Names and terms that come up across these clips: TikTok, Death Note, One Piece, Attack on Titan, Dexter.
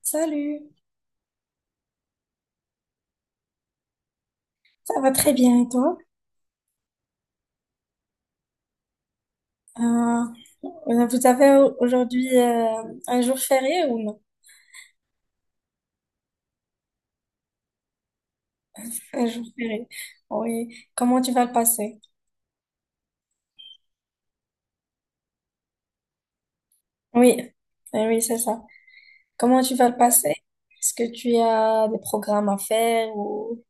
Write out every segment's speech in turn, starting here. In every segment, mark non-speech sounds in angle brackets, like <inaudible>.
Salut, ça va très bien et toi? Euh, vous avez aujourd'hui un jour férié ou non? Un jour férié. Oui. Comment tu vas le passer? Oui, eh oui, c'est ça. Comment tu vas le passer? Est-ce que tu as des programmes à faire ou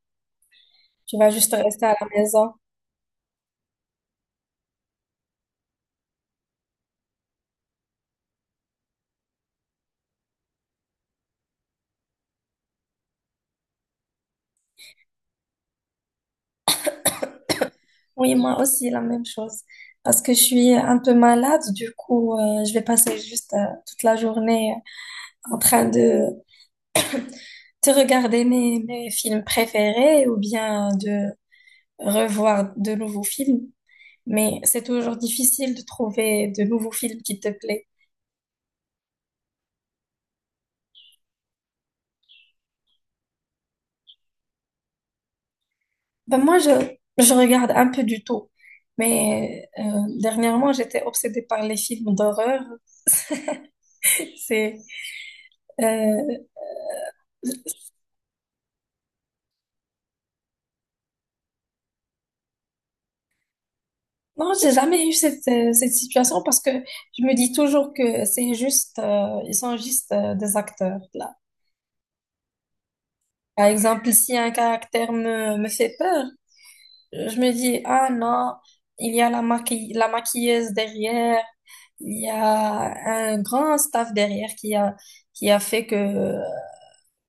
tu vas juste rester à la maison? Oui, moi aussi, la même chose. Parce que je suis un peu malade, du coup, je vais passer juste toute la journée en train de regarder mes films préférés ou bien revoir de nouveaux films, mais c'est toujours difficile de trouver de nouveaux films qui te plaisent. Ben je regarde un peu du tout, mais dernièrement, j'étais obsédée par les films d'horreur. <laughs> C'est, euh, non, j'ai jamais eu cette situation parce que je me dis toujours que c'est ils sont juste des acteurs, là. Par exemple, si un caractère me fait peur, je me dis, ah non, il y a la maquille, la maquilleuse derrière. Il y a un grand staff derrière qui a fait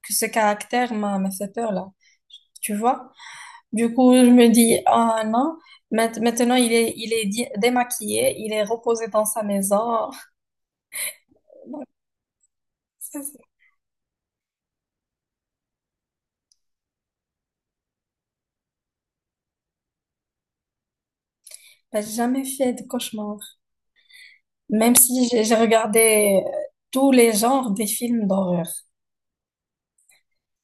que ce caractère m'a fait peur là. Tu vois? Du coup, je me dis, ah non, maintenant il est démaquillé, il est reposé dans sa maison. <laughs> Donc, ça, c'est- J'ai jamais fait de cauchemar. Même si j'ai regardé tous les genres des films d'horreur.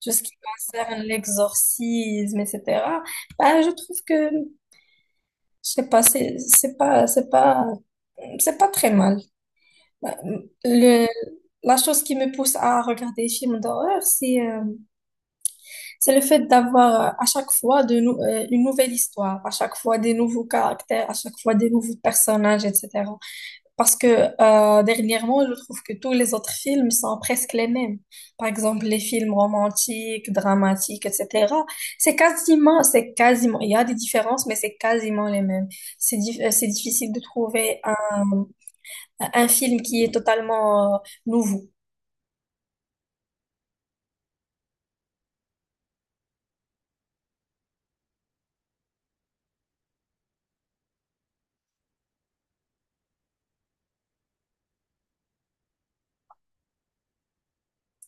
Tout ce qui concerne l'exorcisme, etc. Bah, je trouve que, je sais pas, c'est pas très mal. Bah, le, la chose qui me pousse à regarder des films d'horreur, c'est le fait d'avoir à chaque fois de une nouvelle histoire, à chaque fois des nouveaux caractères, à chaque fois des nouveaux personnages, etc. Parce que dernièrement, je trouve que tous les autres films sont presque les mêmes. Par exemple, les films romantiques, dramatiques, etc. C'est quasiment, il y a des différences, mais c'est quasiment les mêmes. C'est c'est difficile de trouver un film qui est totalement nouveau.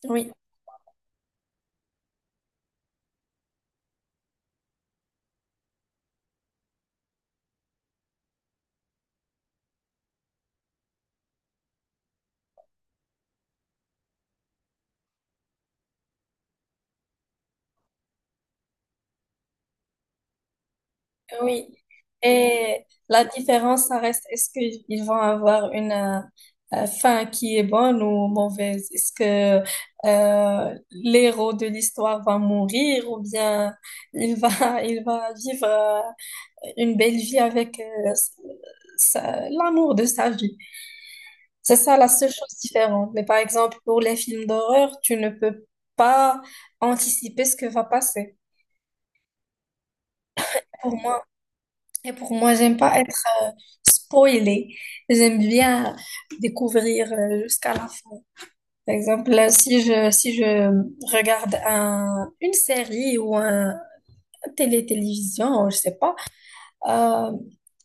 Oui, oui. Et la différence, ça reste, est-ce qu'ils vont avoir une fin qui est bonne ou mauvaise? Est-ce que l'héros de l'histoire va mourir ou bien il <laughs> il va vivre une belle vie avec l'amour de sa vie? C'est ça la seule chose différente. Mais par exemple, pour les films d'horreur, tu ne peux pas anticiper ce que va passer. Pour Et pour moi, j'aime pas être spoilée. J'aime bien découvrir jusqu'à la fin. Par exemple, là, si je regarde une série ou télé-télévision, je sais pas, euh,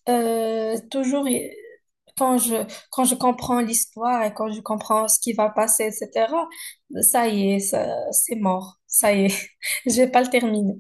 toujours y- quand je, quand je comprends l'histoire et quand je comprends ce qui va passer, etc., ça y est, ça- c'est mort. Ça y est, <laughs> je vais pas le terminer.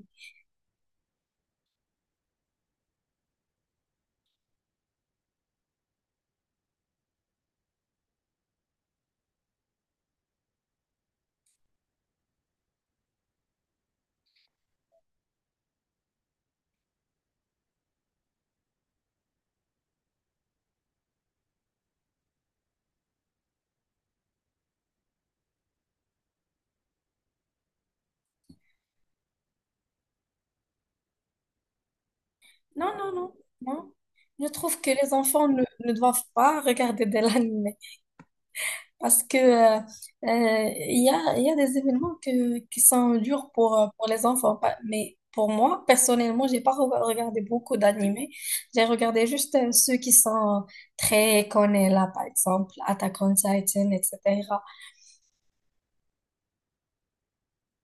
Non, non, non, non. Je trouve que les enfants ne doivent pas regarder de l'anime. Parce que il y a des événements qui sont durs pour les enfants. Mais pour moi, personnellement, j'ai pas regardé beaucoup d'animés. J'ai regardé juste ceux qui sont très connus là, par exemple, Attack on Titan, etc.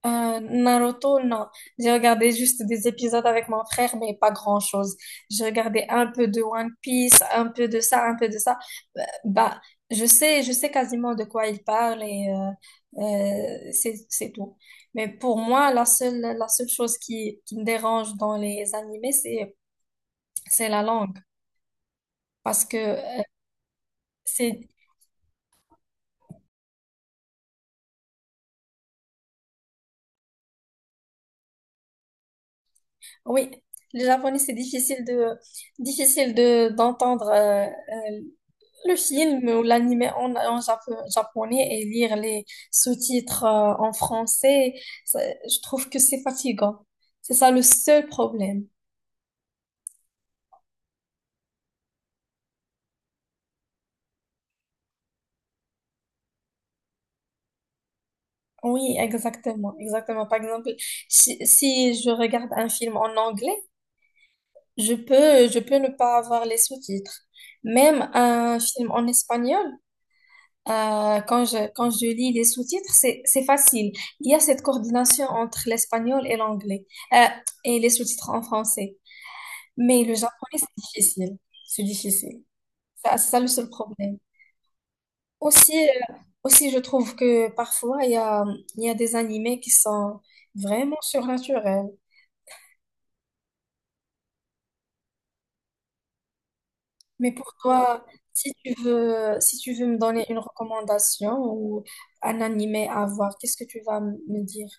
Naruto, non. J'ai regardé juste des épisodes avec mon frère, mais pas grand-chose. J'ai regardé un peu de One Piece, un peu de ça, un peu de ça. Bah, je sais quasiment de quoi il parle et c'est tout. Mais pour moi, la seule chose qui me dérange dans les animés, c'est la langue. Parce que c'est, oui, le japonais, c'est difficile difficile d'entendre le film ou l'animé en japonais et lire les sous-titres en français. Ça- je trouve que c'est fatigant. C'est ça le seul problème. Oui, exactement, exactement. Par exemple, si je regarde un film en anglais, je peux ne pas avoir les sous-titres. Même un film en espagnol, quand je lis les sous-titres, c'est facile. Il y a cette coordination entre l'espagnol et l'anglais, euh, et les sous-titres en français. Mais le japonais, c'est difficile. C'est difficile. Ça- C'est ça le seul problème. Aussi, euh, aussi, je trouve que parfois, il y a des animés qui sont vraiment surnaturels. Mais pour toi, si tu veux me donner une recommandation ou un animé à voir, qu'est-ce que tu vas me dire?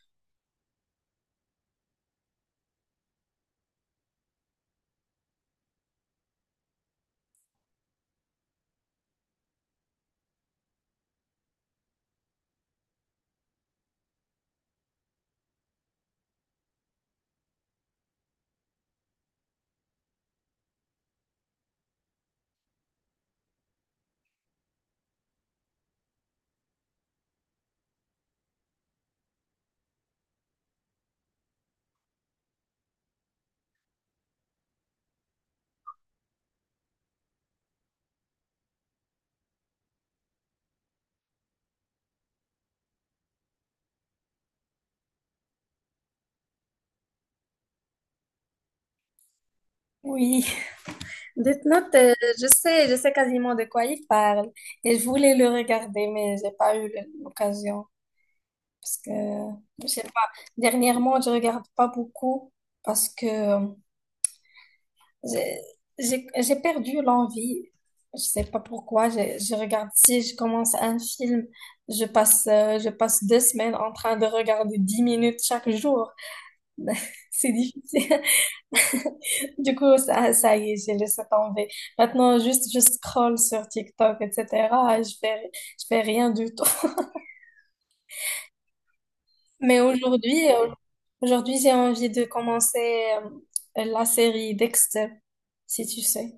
Oui, <laughs> Death Note, je sais quasiment de quoi il parle. Et je voulais le regarder, mais j'ai pas eu l'occasion. Parce que, je sais pas, dernièrement, je regarde pas beaucoup parce que J'ai j'ai perdu l'envie. Je sais pas pourquoi. Je regarde, si je commence un film, je passe 2 semaines en train de regarder 10 minutes chaque jour. <laughs> C'est difficile. <laughs> Du coup, ça y est, j'ai laissé tomber. Maintenant, juste, je scrolle sur TikTok, etc. et je fais rien du tout. <laughs> Mais aujourd'hui, j'ai envie de commencer la série Dexter, si tu sais.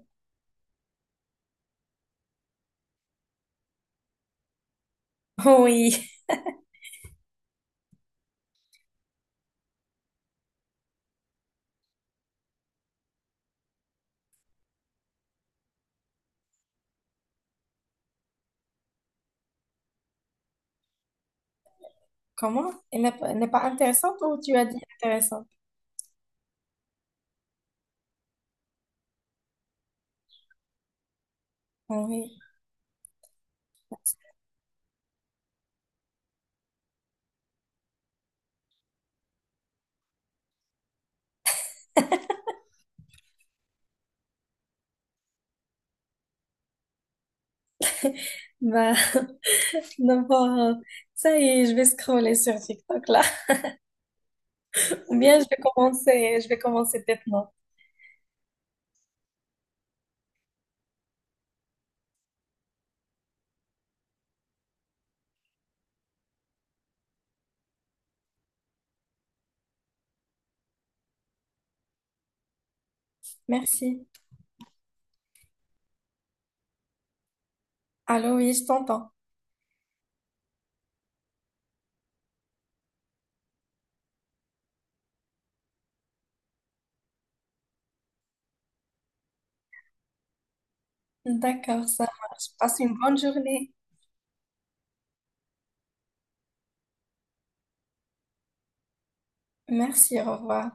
<laughs> Oui. Comment? Elle n'est pas intéressante ou tu as dit intéressante? Ah oui. Bah, <laughs> d'abord, ça y est, je vais scroller sur TikTok là. <laughs> Ou bien je vais commencer maintenant. Merci. Allô, oui, je t'entends. D'accord, ça marche. Passe une bonne journée. Merci, au revoir.